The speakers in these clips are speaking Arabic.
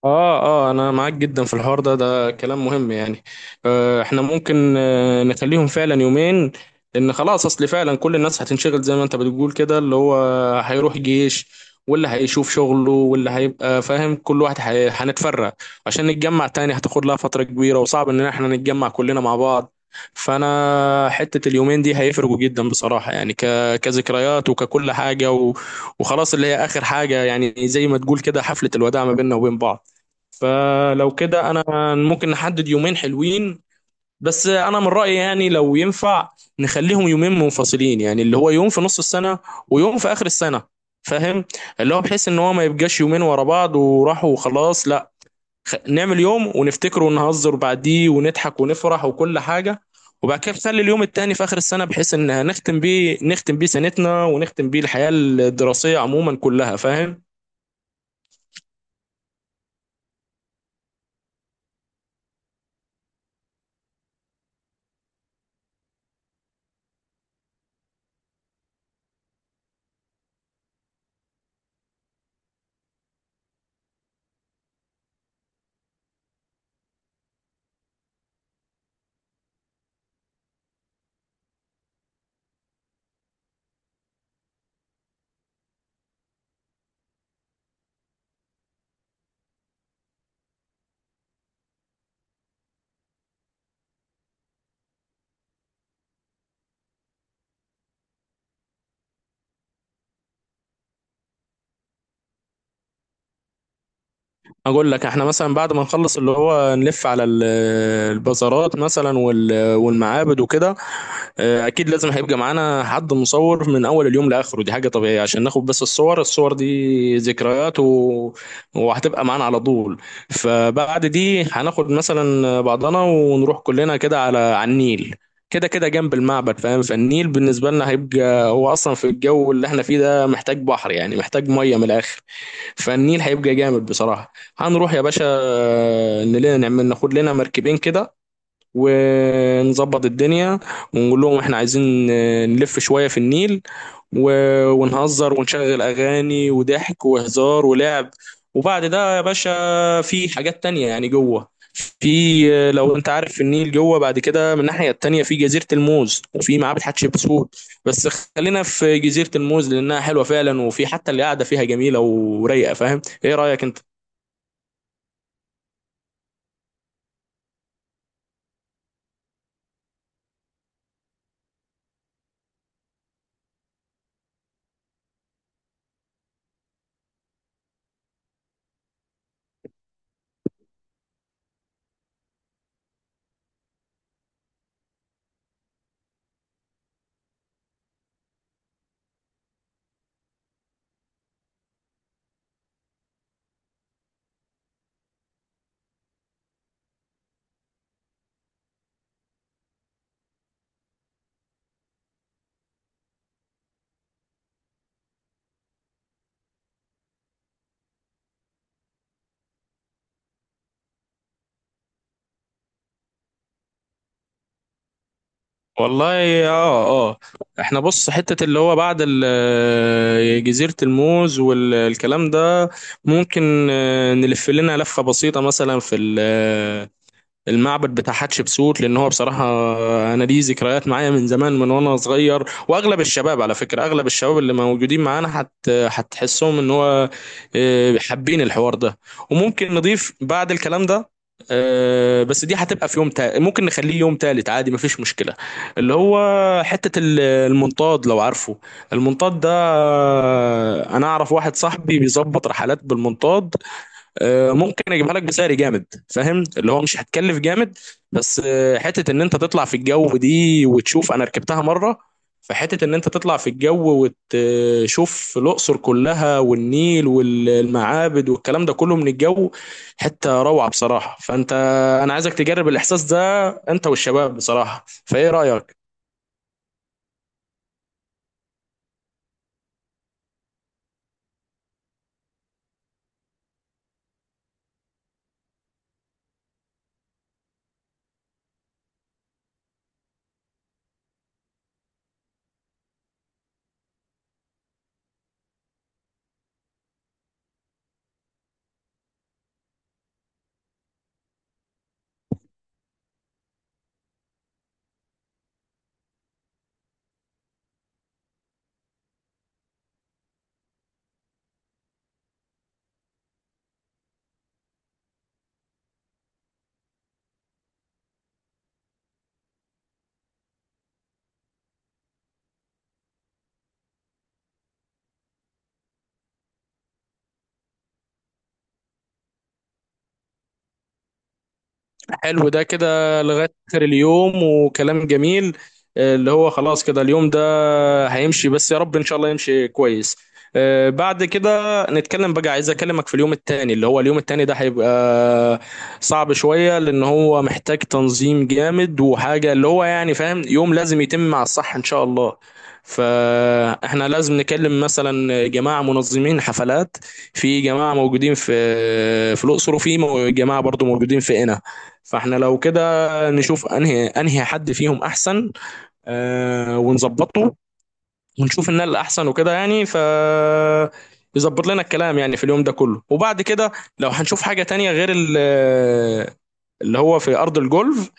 اه اه، انا معاك جدا في الحوار ده، ده كلام مهم يعني. احنا ممكن نخليهم فعلا يومين، لان خلاص اصل فعلا كل الناس هتنشغل زي ما انت بتقول كده، اللي هو هيروح جيش، واللي هيشوف شغله واللي هيبقى فاهم، كل واحد هنتفرق. عشان نتجمع تاني هتاخد لها فترة كبيرة وصعب ان احنا نتجمع كلنا مع بعض. فانا حتة اليومين دي هيفرقوا جدا بصراحة يعني كذكريات وككل حاجة وخلاص، اللي هي اخر حاجة، يعني زي ما تقول كده حفلة الوداع ما بيننا وبين بعض. فلو كده انا ممكن نحدد يومين حلوين، بس انا من رأيي يعني لو ينفع نخليهم يومين منفصلين، يعني اللي هو يوم في نص السنة ويوم في اخر السنة، فاهم؟ اللي هو بحيث ان هو ما يبقاش يومين ورا بعض وراحوا وخلاص، لا، نعمل يوم ونفتكره ونهزر بعديه ونضحك ونفرح وكل حاجة، وبعد كده نخلي اليوم التاني في آخر السنة بحيث إن نختم بيه، نختم بيه سنتنا ونختم بيه الحياة الدراسية عموما كلها، فاهم؟ اقول لك، احنا مثلا بعد ما نخلص اللي هو نلف على البازارات مثلا والمعابد وكده. اكيد لازم هيبقى معانا حد مصور من اول اليوم لاخره، دي حاجه طبيعيه عشان ناخد بس الصور، الصور دي ذكريات وهتبقى معانا على طول. فبعد دي هناخد مثلا بعضنا ونروح كلنا كده على النيل، كده كده جنب المعبد، فاهم؟ فالنيل بالنسبه لنا هيبقى، هو اصلا في الجو اللي احنا فيه ده محتاج بحر يعني، محتاج ميه من الاخر. فالنيل هيبقى جامد بصراحه. هنروح يا باشا نلاقي، نعمل ناخد لنا مركبين كده ونظبط الدنيا ونقول لهم احنا عايزين نلف شوية في النيل ونهزر ونشغل أغاني وضحك وهزار ولعب. وبعد ده يا باشا في حاجات تانية يعني جوه، في لو انت عارف في النيل جوه بعد كده من الناحية التانية في جزيرة الموز وفي معابد حتشبسوت، بس خلينا في جزيرة الموز لأنها حلوة فعلا وفي حتى اللي قاعدة فيها جميلة ورايقة، فاهم؟ ايه رأيك انت؟ والله اه اه، احنا بص، حتة اللي هو بعد جزيرة الموز والكلام ده ممكن نلف لنا لفة بسيطة مثلا في المعبد بتاع حتشبسوت، لان هو بصراحه انا ليه ذكريات معايا من زمان، من وانا صغير، واغلب الشباب على فكره، اغلب الشباب اللي موجودين معانا هتحسهم ان هو حابين الحوار ده. وممكن نضيف بعد الكلام ده، بس دي هتبقى في يوم تالت، ممكن نخليه يوم تالت عادي مفيش مشكله، اللي هو حته المنطاد، لو عارفه المنطاد ده. انا اعرف واحد صاحبي بيظبط رحلات بالمنطاد، ممكن اجيبها لك بسعر جامد، فاهم؟ اللي هو مش هتكلف جامد، بس حته ان انت تطلع في الجو دي وتشوف، انا ركبتها مره، فحته ان انت تطلع في الجو وتشوف الاقصر كلها والنيل والمعابد والكلام ده كله من الجو، حته روعه بصراحه. فانت، انا عايزك تجرب الاحساس ده انت والشباب بصراحه، فايه رايك؟ حلو، ده كده لغاية آخر اليوم وكلام جميل. اللي هو خلاص كده اليوم ده هيمشي، بس يا رب إن شاء الله يمشي كويس. بعد كده نتكلم بقى، عايز أكلمك في اليوم التاني، اللي هو اليوم التاني ده هيبقى صعب شوية لأن هو محتاج تنظيم جامد وحاجة اللي هو يعني، فاهم؟ يوم لازم يتم مع الصح إن شاء الله. فاحنا لازم نكلم مثلا جماعة منظمين حفلات، في جماعة موجودين في الأقصر، وفي جماعة برضو موجودين في قنا. فاحنا لو كده نشوف انهي انهي حد فيهم احسن، آه، ونظبطه، ونشوف ان الاحسن وكده يعني، ف يظبط لنا الكلام يعني في اليوم ده كله. وبعد كده لو هنشوف حاجة تانية غير اللي هو في ارض الجولف،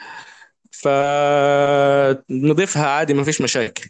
فنضيفها عادي مفيش مشاكل.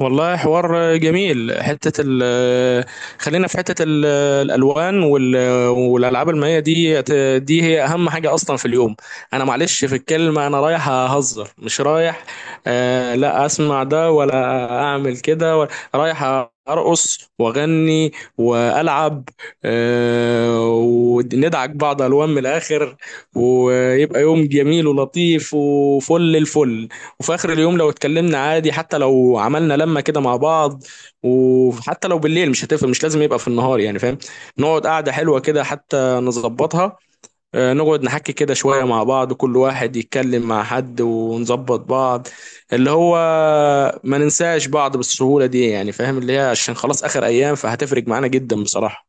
والله حوار جميل. حتة ال خلينا في حتة الألوان والألعاب المائية دي، دي هي أهم حاجة أصلا في اليوم. أنا معلش في الكلمة، أنا رايح أهزر مش رايح، آه، لا أسمع ده ولا أعمل كده رايح أرقص وأغني وألعب، آه، وندعك بعض ألوان من الآخر، ويبقى يوم جميل ولطيف وفل الفل. وفي اخر اليوم لو اتكلمنا عادي، حتى لو عملنا لمه كده مع بعض، وحتى لو بالليل مش هتفرق، مش لازم يبقى في النهار يعني، فاهم؟ نقعد قعده حلوه كده، حتى نظبطها، نقعد نحكي كده شويه مع بعض، كل واحد يتكلم مع حد ونظبط بعض، اللي هو ما ننساش بعض بالسهوله دي، يعني فاهم؟ اللي هي عشان خلاص اخر ايام فهتفرق معانا جدا بصراحه.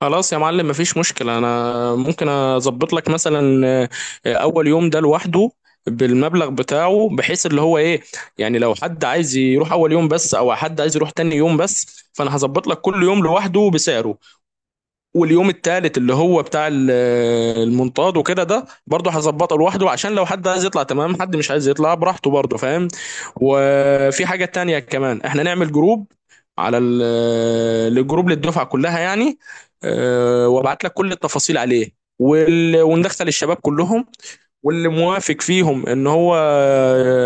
خلاص يا معلم مفيش مشكلة. أنا ممكن أظبط لك مثلا أول يوم ده لوحده بالمبلغ بتاعه، بحيث اللي هو إيه، يعني لو حد عايز يروح أول يوم بس أو حد عايز يروح تاني يوم بس، فأنا هظبط لك كل يوم لوحده بسعره. واليوم التالت اللي هو بتاع المنطاد وكده، ده برضه هظبطه لوحده عشان لو حد عايز يطلع تمام، حد مش عايز يطلع براحته برضه، فاهم؟ وفي حاجة تانية كمان، احنا نعمل جروب على الجروب للدفعة كلها يعني، اه، وابعت لك كل التفاصيل عليه، وندخل الشباب كلهم، واللي موافق فيهم ان هو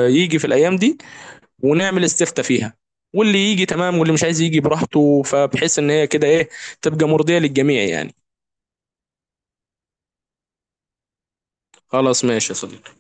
يجي في الايام دي، ونعمل استفتاء فيها، واللي يجي تمام واللي مش عايز يجي براحته، فبحيث ان هي كده ايه، تبقى مرضية للجميع يعني. خلاص ماشي يا صديقي.